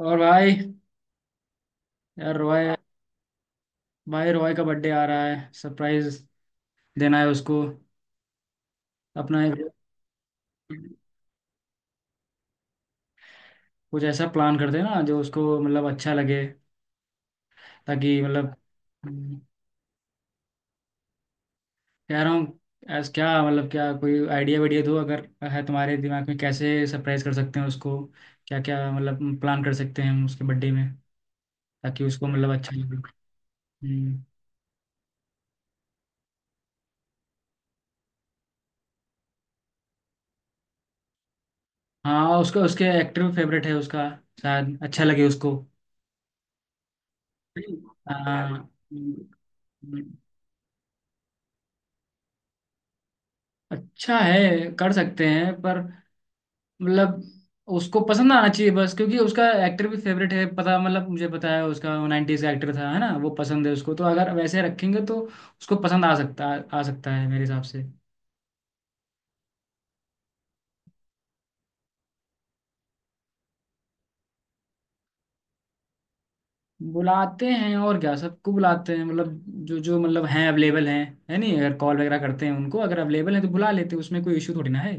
और भाई। यार रॉय। भाई रॉय का बर्थडे आ रहा है, सरप्राइज देना है उसको। अपना एक कुछ ऐसा प्लान करते हैं ना जो उसको मतलब अच्छा लगे, ताकि मतलब। हम्म। कह रहा हूँ ऐस क्या मतलब, क्या कोई आइडिया वाइडिया दो अगर है तुम्हारे दिमाग में, कैसे सरप्राइज कर सकते हैं उसको। क्या क्या मतलब प्लान कर सकते हैं हम उसके बर्थडे में, ताकि उसको मतलब अच्छा लगे। हम्म। हाँ, उसका उसके एक्टर फेवरेट है उसका, शायद अच्छा लगे उसको। हाँ, अच्छा है, कर सकते हैं पर मतलब उसको पसंद आना चाहिए बस, क्योंकि उसका एक्टर भी फेवरेट है, पता मतलब मुझे पता है उसका नाइन्टीज का एक्टर था है ना, वो पसंद है उसको, तो अगर वैसे रखेंगे तो उसको पसंद आ सकता, आ सकता है मेरे हिसाब से। बुलाते हैं और क्या, सबको बुलाते हैं मतलब जो जो मतलब हैं, अवेलेबल हैं। है नहीं, अगर कॉल वगैरह करते हैं उनको, अगर अवेलेबल है तो बुला लेते हैं, उसमें कोई इशू थोड़ी ना है।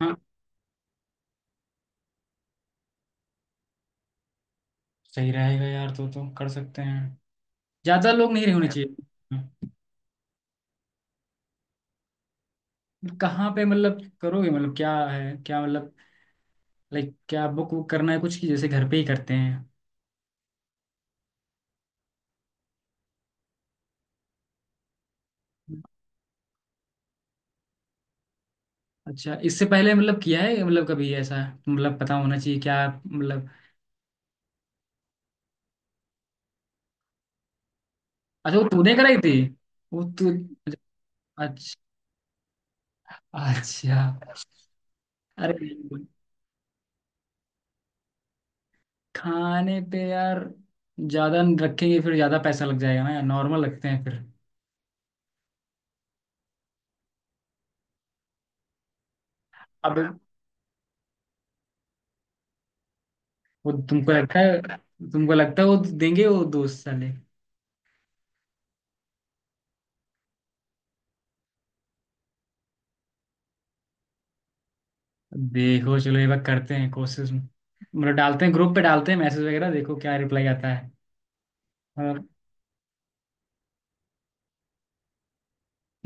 हाँ, सही रहेगा यार, तो कर सकते हैं, ज़्यादा लोग नहीं होने चाहिए। कहाँ पे मतलब करोगे, मतलब क्या है, क्या मतलब, लाइक क्या बुक वुक करना है कुछ की, जैसे घर पे ही करते हैं। अच्छा इससे पहले मतलब किया है, मतलब कभी ऐसा, मतलब पता होना चाहिए क्या, मतलब। अच्छा वो तूने कराई थी, वो तू। अच्छा। अच्छा। अरे, खाने पे यार ज्यादा न रखेंगे, फिर ज्यादा पैसा लग जाएगा ना यार, नॉर्मल रखते हैं फिर। अब। वो तुमको लगता है? तुमको लगता है वो देंगे वो दोस्त साले? देखो चलो एक बार करते हैं कोशिश, मतलब डालते हैं ग्रुप पे, डालते हैं मैसेज वगैरह, देखो क्या रिप्लाई आता है। हाँ।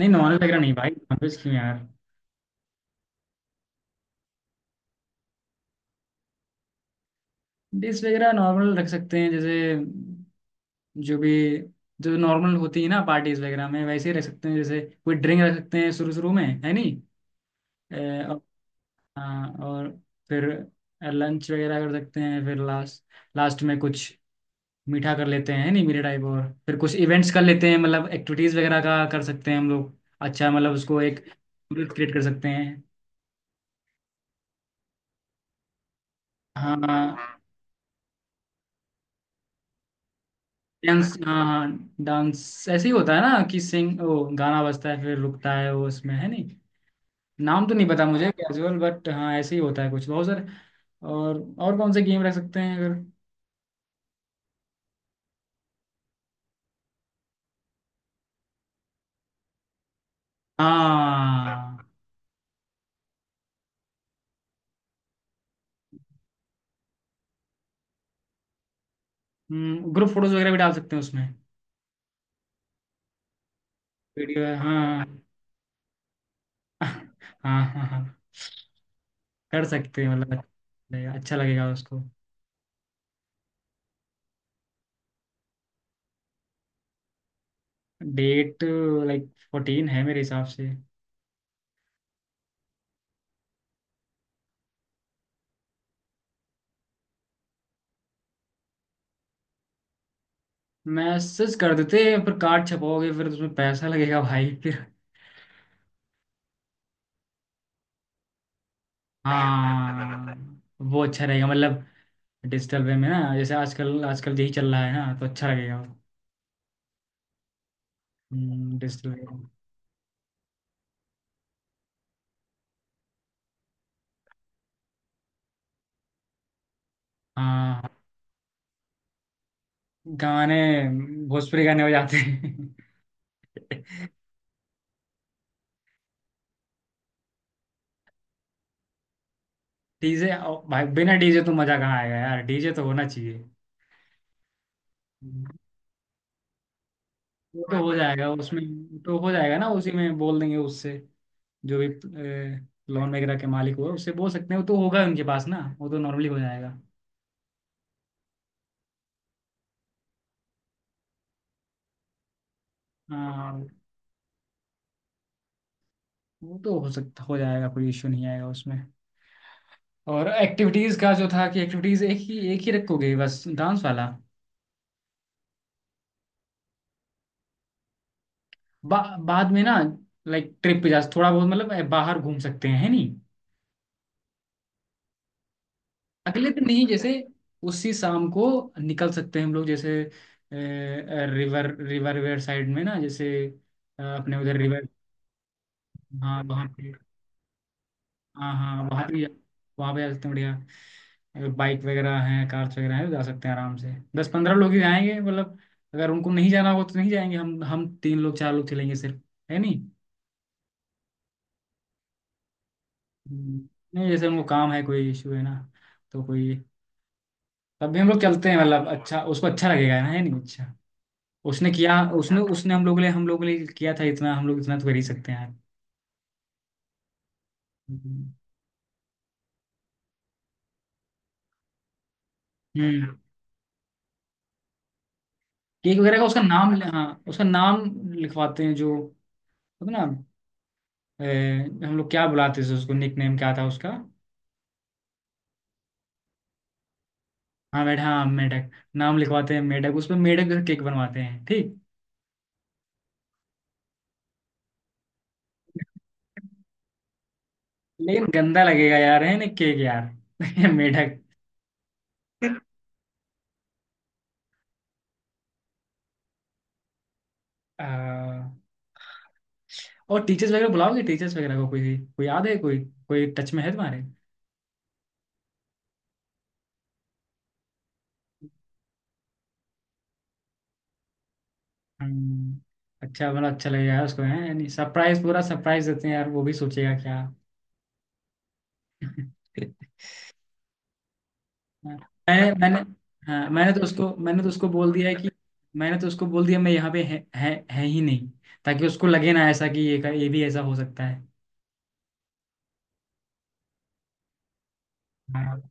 नहीं, नॉर्मल वगैरह नहीं भाई, नॉनवेज क्यों यार। डिश वगैरह नॉर्मल रख सकते हैं जैसे, जो भी, जो नॉर्मल होती है ना पार्टीज वगैरह में, वैसे ही रख सकते हैं, जैसे कोई ड्रिंक रख सकते हैं शुरू शुरू में है नहीं। अ, और, हाँ, और फिर लंच वगैरह कर सकते हैं फिर लास्ट, लास्ट में कुछ मीठा कर लेते हैं है नहीं, मीठे टाइप, और फिर कुछ इवेंट्स कर लेते हैं मतलब एक्टिविटीज वगैरह का कर सकते हैं हम लोग, अच्छा मतलब उसको एक क्रिएट कर सकते हैं। हाँ, डांस हाँ, डांस ऐसे ही होता है ना कि सिंग ओ गाना बजता है फिर रुकता है वो, उसमें है नहीं। नाम तो नहीं पता मुझे कैजुअल बट हाँ, ऐसे ही होता है, कुछ बहुत सारे। और कौन से गेम रख सकते हैं अगर। हाँ, ग्रुप फोटोज वगैरह भी डाल सकते हैं उसमें। वीडियो है, हाँ। हाँ, हाँ, हाँ। कर सकते हैं मतलब, अच्छा लगेगा उसको। डेट, लाइक फोर्टीन है मेरे हिसाब से। मैसेज कर देते हैं, पर कार्ड छपाओगे फिर उसमें पैसा लगेगा भाई फिर। हाँ, वो अच्छा रहेगा मतलब, डिजिटल वे में ना, जैसे आजकल आजकल यही चल रहा है ना तो अच्छा लगेगा। डिजिटल वे में। हाँ, गाने भोजपुरी गाने हो जाते हैं। डीजे। भाई बिना डीजे तो मजा कहाँ आएगा यार, डीजे तो होना चाहिए। वो तो हो जाएगा उसमें, तो हो जाएगा ना, उसी में बोल देंगे उससे, जो भी लोन वगैरह के मालिक हुए उससे बोल सकते हैं, वो तो होगा उनके पास ना, वो तो नॉर्मली हो जाएगा। हाँ, वो तो हो सकता हो जाएगा, कोई इशू नहीं आएगा उसमें। और एक्टिविटीज का जो था कि एक्टिविटीज एक ही रखोगे बस, डांस वाला? बाद में ना, लाइक ट्रिप पे जा थोड़ा बहुत मतलब बाहर घूम सकते हैं है नहीं। अगले दिन नहीं, जैसे उसी शाम को निकल सकते हैं हम लोग, जैसे रिवर रिवर वेयर साइड में ना, जैसे अपने उधर रिवर। हाँ वहाँ पे, हाँ हाँ वहाँ भी, वहाँ भी जा सकते हैं बढ़िया। अगर बाइक वगैरह हैं कार्स वगैरह हैं तो जा सकते हैं आराम से, दस पंद्रह लोग ही जाएंगे मतलब, अगर उनको नहीं जाना होगा तो नहीं जाएंगे, हम तीन लोग चार लोग चलेंगे सिर्फ है नहीं। हम्म। नहीं जैसे उनको काम है कोई इशू है ना, तो कोई, तब भी हम लोग चलते हैं मतलब, अच्छा उसको अच्छा लगेगा ना है नहीं, अच्छा। उसने किया उसने उसने हम लोग के लिए, किया था इतना, हम लोग इतना तो कर ही सकते हैं यार। हम्म। केक वगैरह का उसका नाम, हाँ उसका नाम लिखवाते हैं जो होता है ना, ए, हम लोग क्या बुलाते थे उसको, निक नेम क्या था उसका? हाँ, मेढक हाँ मेढक, नाम लिखवाते हैं मेढक, उसमें मेढक का केक बनवाते हैं ठीक। लेकिन गंदा लगेगा यार है ना, केक यार। मेढक। आ, और टीचर्स वगैरह बुलाओगे? टीचर्स वगैरह को, कोई कोई याद है, कोई कोई टच में है तुम्हारे? हम्म। अच्छा मतलब अच्छा लगेगा यार उसको है नहीं, सरप्राइज पूरा सरप्राइज देते हैं यार, वो भी सोचेगा क्या। हाँ। मैंने मैंने हाँ मैंने तो उसको बोल दिया है कि, मैंने तो उसको बोल दिया मैं यहाँ पे है ही नहीं, ताकि उसको लगे ना ऐसा कि ये ये भी ऐसा हो सकता है। हाँ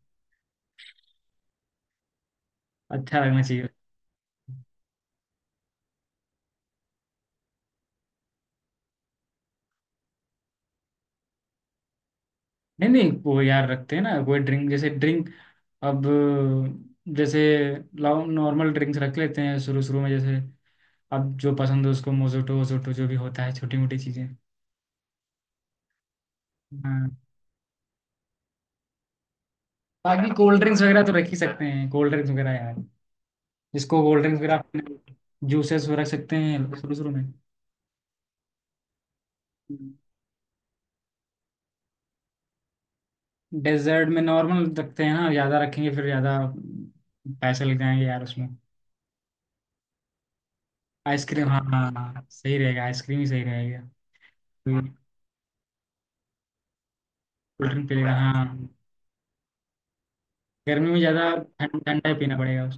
अच्छा लगना चाहिए। नहीं नहीं, वो यार रखते हैं ना कोई ड्रिंक जैसे ड्रिंक, अब, जैसे नॉर्मल ड्रिंक्स रख लेते हैं शुरू शुरू में, जैसे अब जो पसंद हो उसको मोजोटो वोजोटो जो भी होता है छोटी मोटी चीजें। हाँ, बाकी कोल्ड ड्रिंक्स वगैरह तो रख ही सकते हैं कोल्ड ड्रिंक्स वगैरह यार, जिसको कोल्ड ड्रिंक्स वगैरह, जूसेस रख सकते हैं शुरू शुरू में। डेजर्ट में नॉर्मल रखते हैं ना, ज्यादा रखेंगे फिर ज्यादा पैसे लग जाएंगे यार उसमें। आइसक्रीम हाँ हाँ हाँ, सही रहेगा, आइसक्रीम ही सही रहेगा। कोल्ड ड्रिंक पी लेगा हाँ हाँ। गर्मी में ज्यादा ठंडा ही पीना पड़ेगा।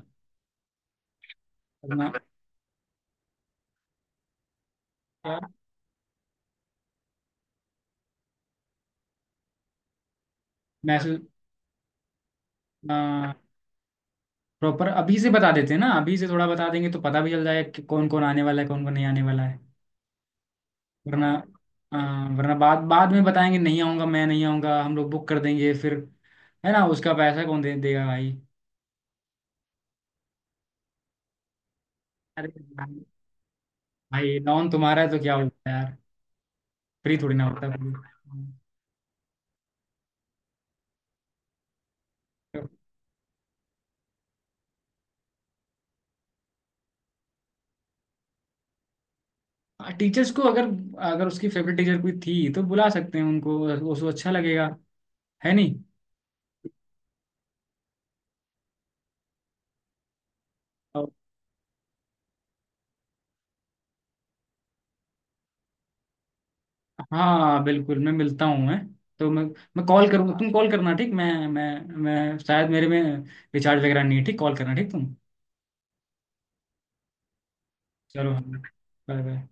उसको ना- यार मैसेज प्रॉपर अभी से बता देते हैं ना, अभी से थोड़ा बता देंगे तो पता भी चल जाएगा कि कौन कौन आने वाला है कौन कौन नहीं आने वाला है, वरना अ, वरना बाद बाद में बताएंगे नहीं आऊंगा मैं नहीं आऊंगा, हम लोग बुक कर देंगे फिर, है ना उसका पैसा कौन दे देगा भाई। अरे भाई नॉन तुम्हारा है तो क्या होता है यार, फ्री थोड़ी ना होता है। कोई टीचर्स को अगर, अगर उसकी फेवरेट टीचर कोई थी तो बुला सकते हैं उनको, उसको अच्छा लगेगा है नहीं। और- हाँ बिल्कुल, मैं मिलता हूँ। मैं तो मैं कॉल करूँगा, तुम कॉल करना ठीक। मैं शायद मेरे में रिचार्ज वगैरह नहीं है, ठीक कॉल करना ठीक तुम। चलो बाय बाय।